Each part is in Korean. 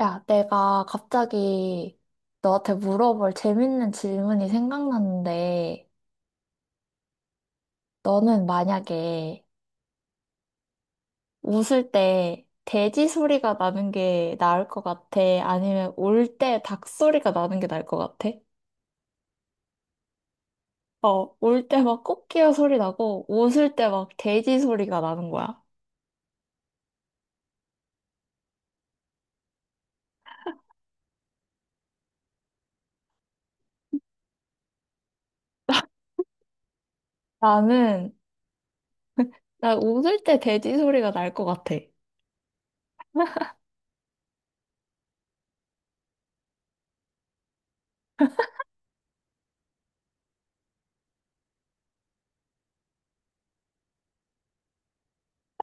야, 내가 갑자기 너한테 물어볼 재밌는 질문이 생각났는데, 너는 만약에 웃을 때 돼지 소리가 나는 게 나을 것 같아? 아니면 울 때 닭 소리가 나는 게 나을 것 같아? 어, 울 때 막 코끼리 소리 나고, 웃을 때 막 돼지 소리가 나는 거야. 나는, 나 웃을 때 돼지 소리가 날 것 같아.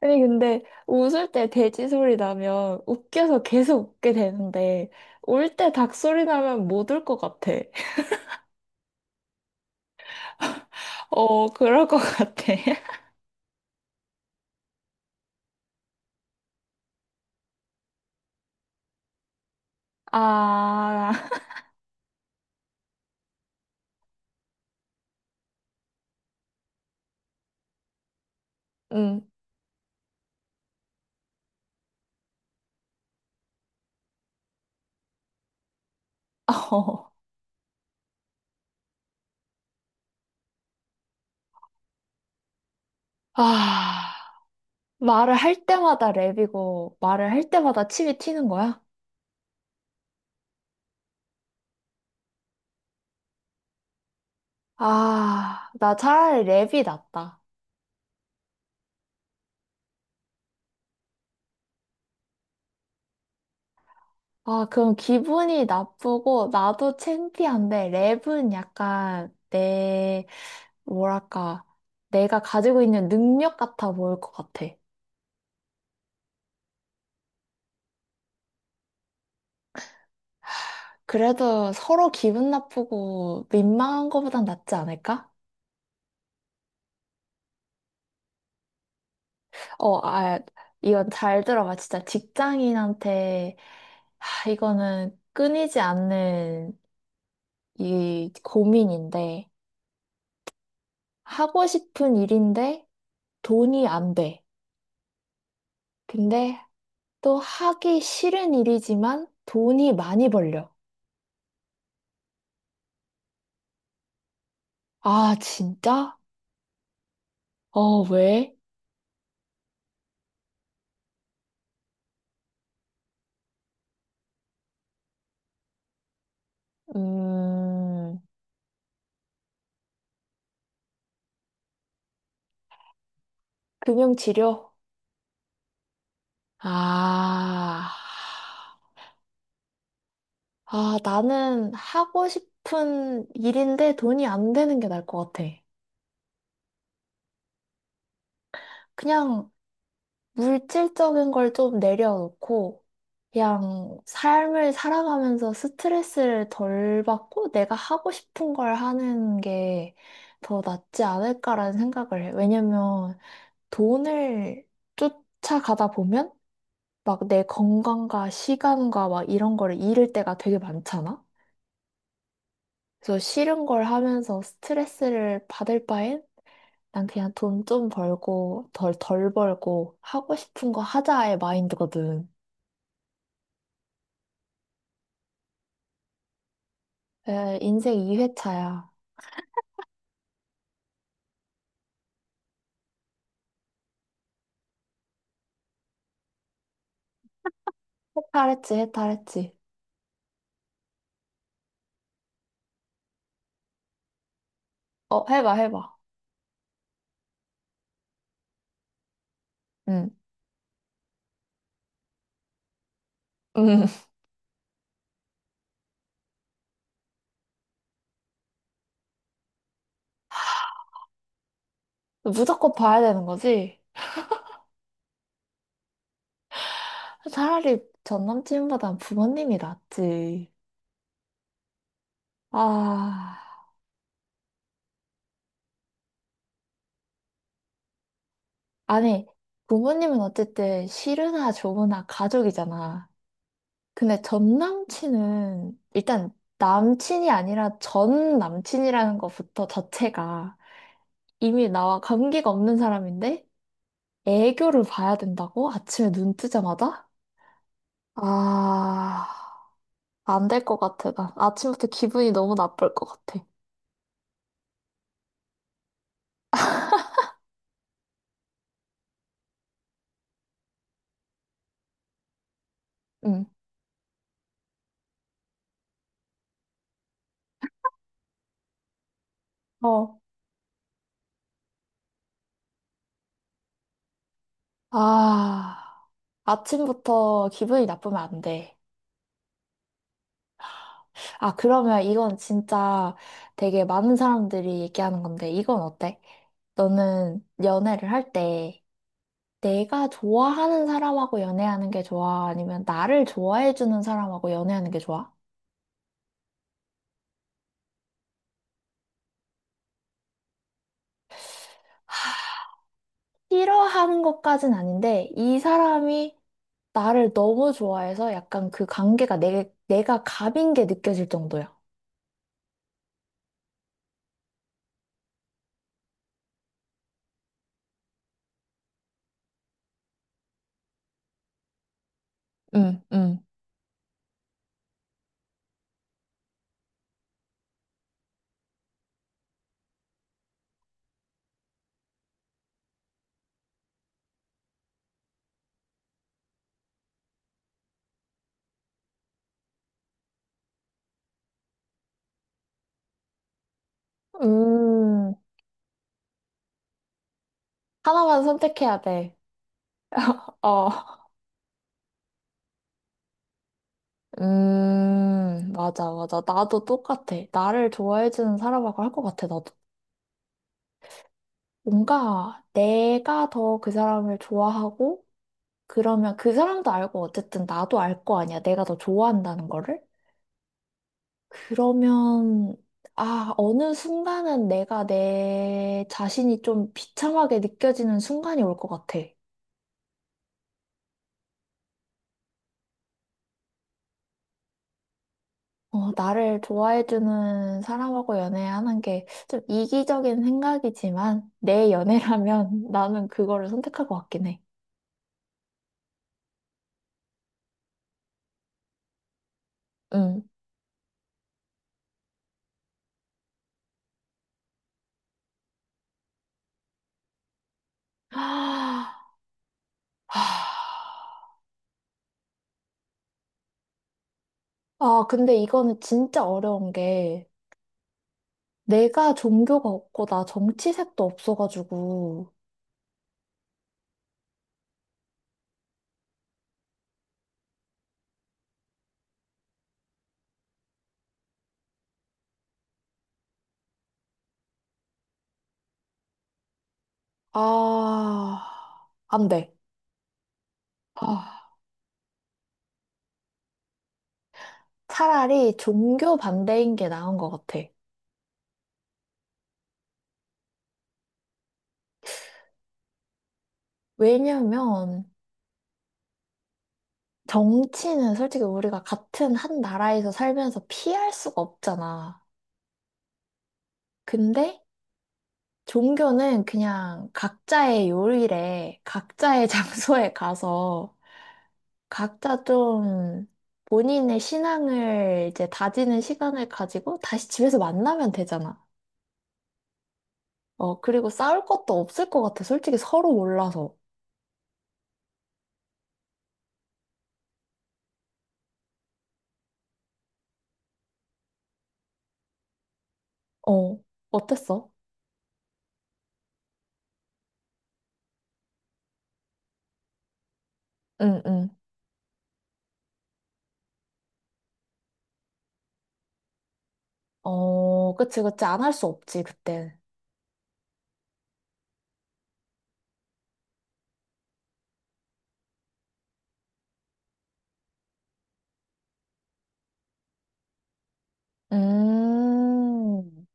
아니, 근데 웃을 때 돼지 소리 나면 웃겨서 계속 웃게 되는데, 울 때 닭 소리 나면 못 울 것 같아. 어, 그럴 것 같아. 아, 음, 어. 아, 말을 할 때마다 랩이고, 말을 할 때마다 침이 튀는 거야? 아, 나 차라리 랩이 낫다. 아, 그럼 기분이 나쁘고, 나도 창피한데, 랩은 약간 내 뭐랄까, 내가 가지고 있는 능력 같아 보일 것 같아. 그래도 서로 기분 나쁘고 민망한 거보단 낫지 않을까? 어, 아, 이건 잘 들어봐. 진짜 직장인한테, 하, 이거는 끊이지 않는 이 고민인데, 하고 싶은 일인데 돈이 안 돼. 근데 또 하기 싫은 일이지만 돈이 많이 벌려. 아, 진짜? 어, 왜? 음. 금융치료? 아, 아, 나는 하고 싶은 일인데 돈이 안 되는 게 나을 것 같아. 그냥 물질적인 걸 좀 내려놓고, 그냥 삶을 살아가면서 스트레스를 덜 받고 내가 하고 싶은 걸 하는 게 더 낫지 않을까라는 생각을 해. 왜냐면 돈을 쫓아가다 보면 막 내 건강과 시간과 막 이런 거를 잃을 때가 되게 많잖아? 그래서 싫은 걸 하면서 스트레스를 받을 바엔 난 그냥 돈 좀 벌고 덜 벌고 하고 싶은 거 하자의 마인드거든. 에, 인생 2회차야. 해탈했지, 해탈했지. 어, 해봐, 해봐. 응. 응. 무조건 봐야 되는 거지? 차라리 전 남친보단 부모님이 낫지. 아, 아니, 부모님은 어쨌든 싫으나 좋으나 가족이잖아. 근데 전 남친은 일단 남친이 아니라 전 남친이라는 것부터 자체가 이미 나와 관계가 없는 사람인데 애교를 봐야 된다고? 아침에 눈 뜨자마자? 아, 안 될 것 같아. 나 아침부터 기분이 너무 나쁠 것 같아. 응. 어. 아, 아침부터 기분이 나쁘면 안 돼. 아, 그러면 이건 진짜 되게 많은 사람들이 얘기하는 건데, 이건 어때? 너는 연애를 할때 내가 좋아하는 사람하고 연애하는 게 좋아? 아니면 나를 좋아해주는 사람하고 연애하는 게 좋아? 싫어하는 것까진 아닌데, 이 사람이 나를 너무 좋아해서 약간 그 관계가 내가 갑인 게 느껴질 정도야. 응, 응. 음, 하나만 선택해야 돼. 어, 맞아, 맞아. 나도 똑같아. 나를 좋아해주는 사람하고 할 것 같아, 나도. 뭔가 내가 더 그 사람을 좋아하고, 그러면 그 사람도 알고 어쨌든 나도 알 거 아니야. 내가 더 좋아한다는 거를. 그러면 아, 어느 순간은 내가 내 자신이 좀 비참하게 느껴지는 순간이 올 것 같아. 어, 나를 좋아해주는 사람하고 연애하는 게 좀 이기적인 생각이지만 내 연애라면 나는 그거를 선택할 것 같긴 해. 음. 아, 아, 근데 이거는 진짜 어려운 게 내가 종교가 없고 나 정치색도 없어가지고 아, 안 돼. 아, 차라리 종교 반대인 게 나은 것 같아. 왜냐면 정치는 솔직히 우리가 같은 한 나라에서 살면서 피할 수가 없잖아. 근데 종교는 그냥 각자의 요일에 각자의 장소에 가서 각자 좀 본인의 신앙을 이제 다지는 시간을 가지고 다시 집에서 만나면 되잖아. 어, 그리고 싸울 것도 없을 것 같아. 솔직히 서로 몰라서. 어, 어땠어? 응, 응. 어, 그치, 그치. 안 할 수 없지, 그때. 음,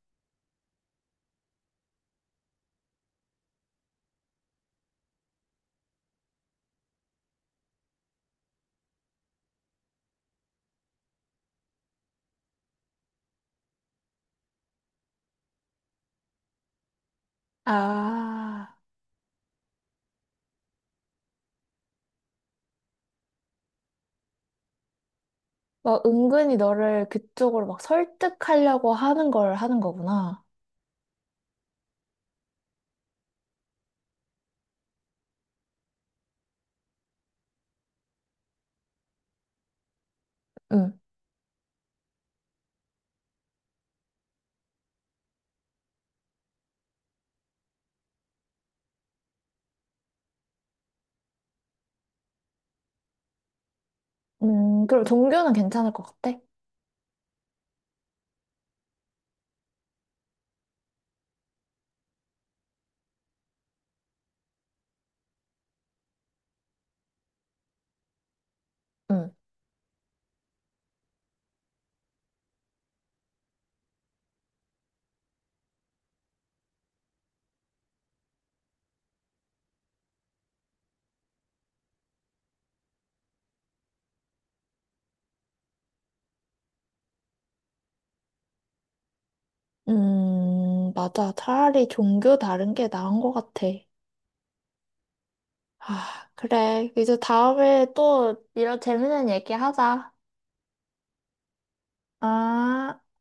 아, 막 은근히 너를 그쪽으로 막 설득하려고 하는 걸 하는 거구나. 응, 그럼 종교는 괜찮을 것 같아? 응. 맞아. 차라리 종교 다른 게 나은 것 같아. 아, 그래. 이제 다음에 또 이런 재밌는 얘기 하자. 아.